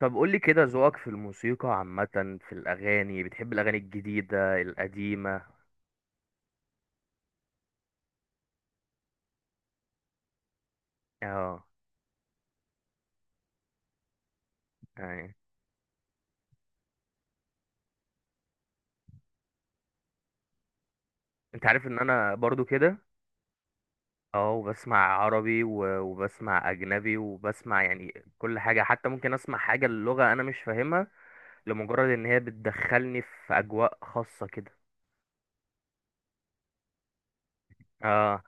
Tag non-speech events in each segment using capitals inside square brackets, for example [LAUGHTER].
طب، قولي كده، ذوقك في الموسيقى عامة، في الأغاني بتحب الأغاني الجديدة القديمة؟ اه. يعني، انت عارف ان انا برضو كده. اه، وبسمع عربي وبسمع أجنبي وبسمع، يعني، كل حاجة، حتى ممكن أسمع حاجة اللغة أنا مش فاهمها، لمجرد ان هي بتدخلني في أجواء خاصة كده. اه،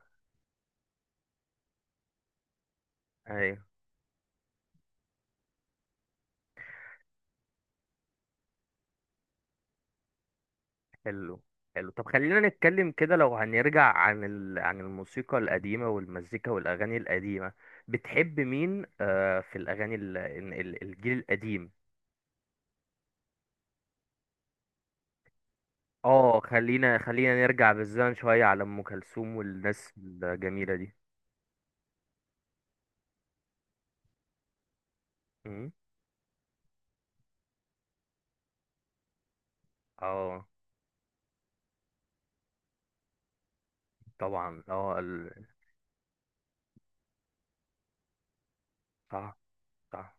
ايوه، حلو، حلو. طب، خلينا نتكلم كده. لو هنرجع عن الموسيقى القديمة والمزيكا والأغاني القديمة، بتحب مين في الأغاني الجيل القديم؟ اه، خلينا نرجع بالزمن شوية على أم كلثوم والناس الجميلة دي. مم. اه، طبعا. صح، صح.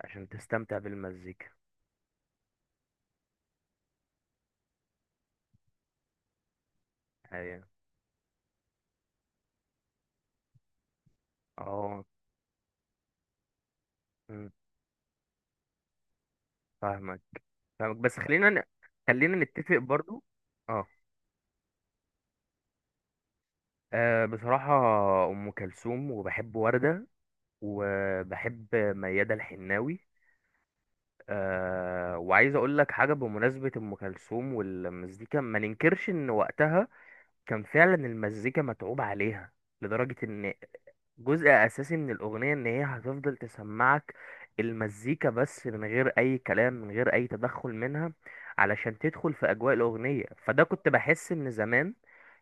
عشان تستمتع بالمزيكا. ايوه. اه. مم. فاهمك، فاهمك. بس خلينا نتفق برضو. آه. أه، بصراحة، أم كلثوم، وبحب وردة، وبحب ميادة الحناوي. أه، وعايز أقول لك حاجة. بمناسبة أم كلثوم والمزيكا، ما ننكرش إن وقتها كان فعلا المزيكا متعوب عليها، لدرجة إن جزء اساسي من الاغنيه ان هي هتفضل تسمعك المزيكا بس، من غير اي كلام، من غير اي تدخل منها، علشان تدخل في اجواء الاغنيه. فده كنت بحس ان زمان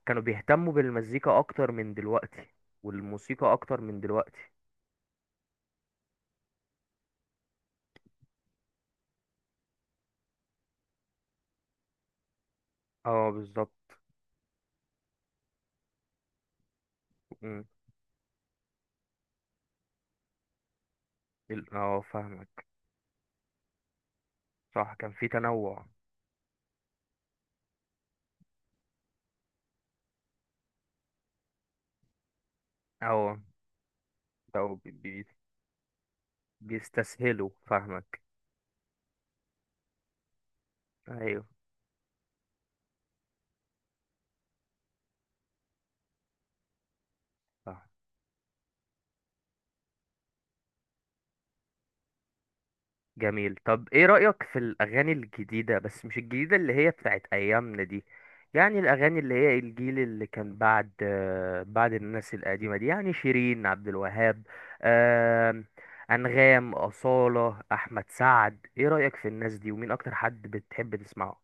كانوا بيهتموا بالمزيكا اكتر من دلوقتي، والموسيقى اكتر من دلوقتي. اه، بالظبط. مم. فاهمك. صح، كان في تنوع. اه، او بيستسهلوا، فاهمك. ايوه، فاهمك. جميل. طب، ايه رأيك في الأغاني الجديدة، بس مش الجديدة اللي هي بتاعت أيامنا دي. يعني الأغاني اللي هي الجيل اللي كان بعد بعد الناس القديمة دي، يعني شيرين عبد الوهاب، آم، أنغام، أصالة، أحمد سعد. ايه رأيك في الناس دي، ومين أكتر حد بتحب تسمعه؟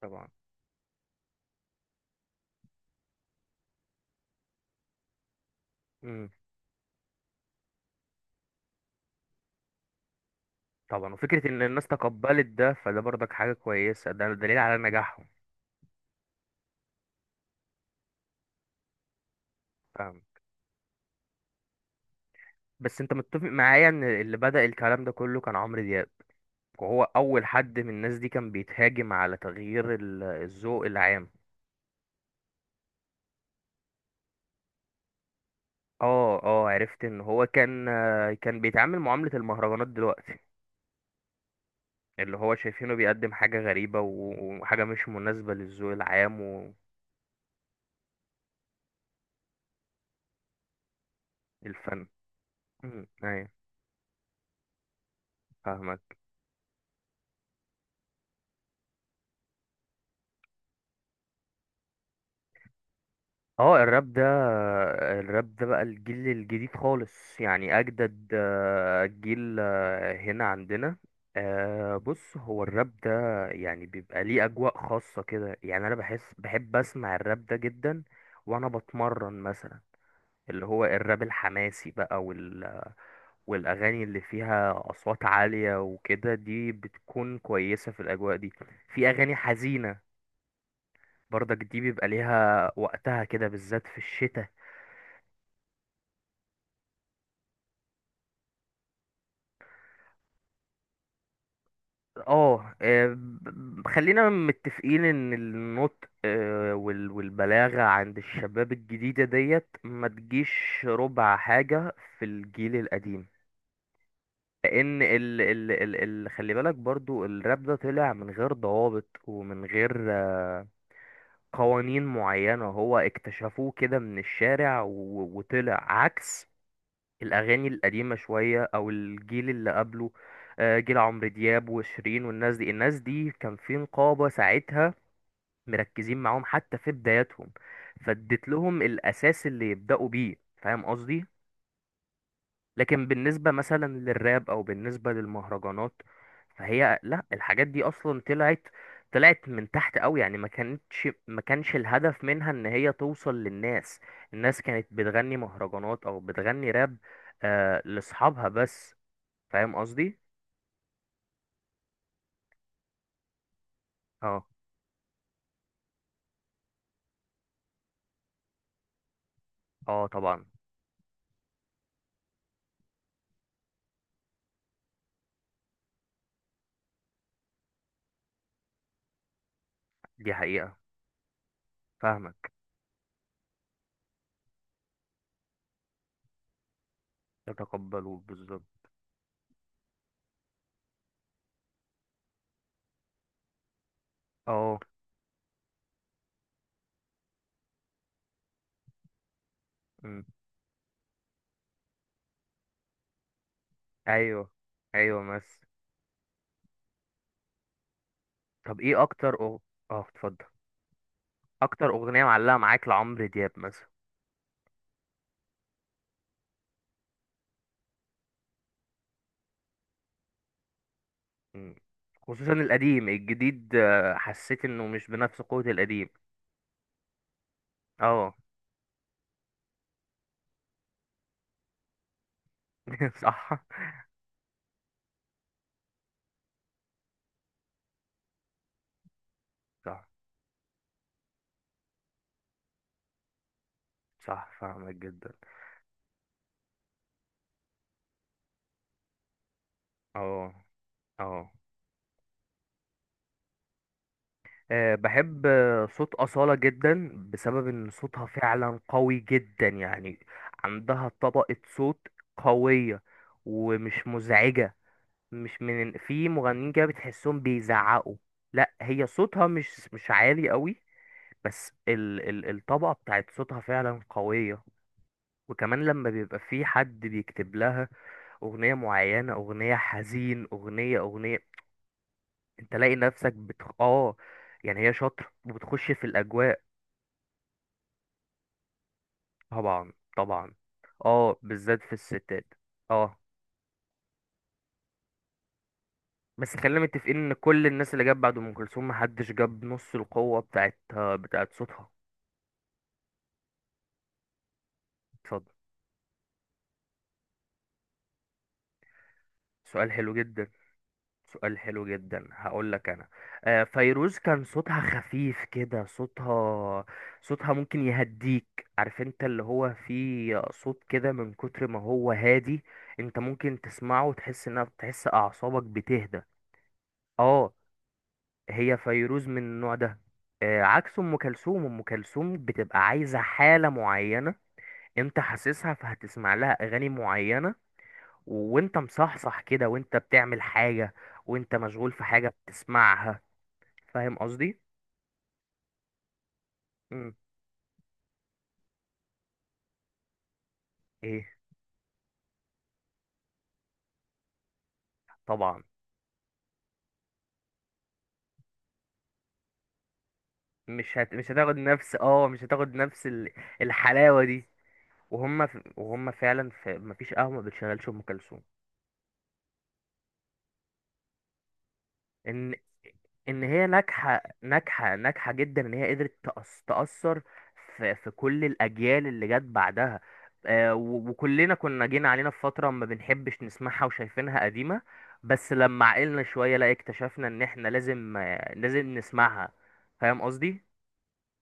طبعا. امم. طبعا، وفكرة إن الناس تقبلت ده، فده برضك حاجة كويسة، ده دليل على نجاحهم. فاهم. بس أنت متفق معايا إن اللي بدأ الكلام ده كله كان عمرو دياب، وهو اول حد من الناس دي كان بيتهاجم على تغيير الذوق العام. اه، اه، عرفت ان هو كان كان بيتعامل معاملة المهرجانات دلوقتي. اللي هو شايفينه بيقدم حاجة غريبة وحاجة مش مناسبة للذوق العام. والفن. امم. ايوه. فاهمك. اه، الراب ده بقى الجيل الجديد خالص. يعني اجدد جيل هنا عندنا. بص هو الراب ده، يعني بيبقى ليه اجواء خاصة كده. يعني انا بحب اسمع الراب ده جدا، وانا بتمرن مثلا. اللي هو الراب الحماسي بقى، والاغاني اللي فيها اصوات عالية وكده، دي بتكون كويسة في الاجواء دي. في اغاني حزينة برضك، دي بيبقى ليها وقتها، كده بالذات في الشتاء. اه. خلينا متفقين ان النطق والبلاغة عند الشباب الجديدة ديت ما تجيش ربع حاجة في الجيل القديم. لان ال ال ال ال خلي بالك برضو، الراب ده طلع من غير ضوابط ومن غير قوانين معينة. هو اكتشفوه كده من الشارع وطلع عكس الأغاني القديمة شوية، أو الجيل اللي قبله. جيل عمرو دياب وشيرين والناس دي. الناس دي كان في نقابة ساعتها، مركزين معاهم حتى في بداياتهم، فاديت لهم الأساس اللي يبدأوا بيه. فاهم قصدي؟ لكن بالنسبة مثلا للراب، أو بالنسبة للمهرجانات، فهي لا، الحاجات دي أصلا طلعت من تحت أوي. يعني ما كانش الهدف منها إن هي توصل للناس. الناس كانت بتغني مهرجانات أو بتغني راب، لأصحابها بس. فاهم قصدي؟ اه، اه، طبعا. دي حقيقة. فاهمك. يتقبلوا بالظبط. اه. أمم. ايوه، ايوه، بس. طب، ايه اكتر اه، اتفضل. اكتر اغنية معلقة معاك لعمرو دياب مثلا؟ مم. خصوصا القديم. الجديد حسيت انه مش بنفس قوة القديم. اه. [LAUGHS] صح، صح، صح، فاهمك جدا. اه، اه. بحب صوت أصالة جدا، بسبب ان صوتها فعلا قوي جدا. يعني عندها طبقة صوت قوية، ومش مزعجة. مش، من في مغنيين كده بتحسهم بيزعقوا. لا، هي صوتها مش عالي قوي، بس الطبقة بتاعت صوتها فعلا قوية. وكمان لما بيبقى في حد بيكتب لها أغنية معينة، أغنية حزين، أغنية، أنت لاقي نفسك. بتخ... آه يعني هي شاطرة، وبتخش في الأجواء. طبعا، طبعا. آه، بالذات في الستات. آه. بس خلينا متفقين إن كل الناس اللي جت بعد أم كلثوم، محدش جاب نص القوة بتاعت صوتها. اتفضل. سؤال حلو جدا. سؤال حلو جدا، هقول لك انا. فيروز كان صوتها خفيف كده. صوتها ممكن يهديك. عارف، انت اللي هو فيه صوت كده من كتر ما هو هادي، انت ممكن تسمعه وتحس انها، تحس اعصابك بتهدى. اه، هي فيروز من النوع ده. عكس ام كلثوم، ام كلثوم بتبقى عايزه حاله معينه، انت حاسسها. فهتسمع لها اغاني معينه، وانت مصحصح كده، وانت بتعمل حاجه، وانت مشغول في حاجه بتسمعها. فاهم قصدي؟ مم. ايه؟ طبعا. مش هتاخد نفس، الحلاوه دي. وهم فعلا، مفيش قهوه ما بتشغلش ام كلثوم. ان ان هي ناجحه ناجحه ناجحه جدا، ان هي قدرت تأثر في كل الاجيال اللي جت بعدها. آه، وكلنا كنا جينا علينا في فتره ما بنحبش نسمعها، وشايفينها قديمه. بس لما عقلنا شويه، لا اكتشفنا ان احنا لازم نسمعها. فاهم قصدي؟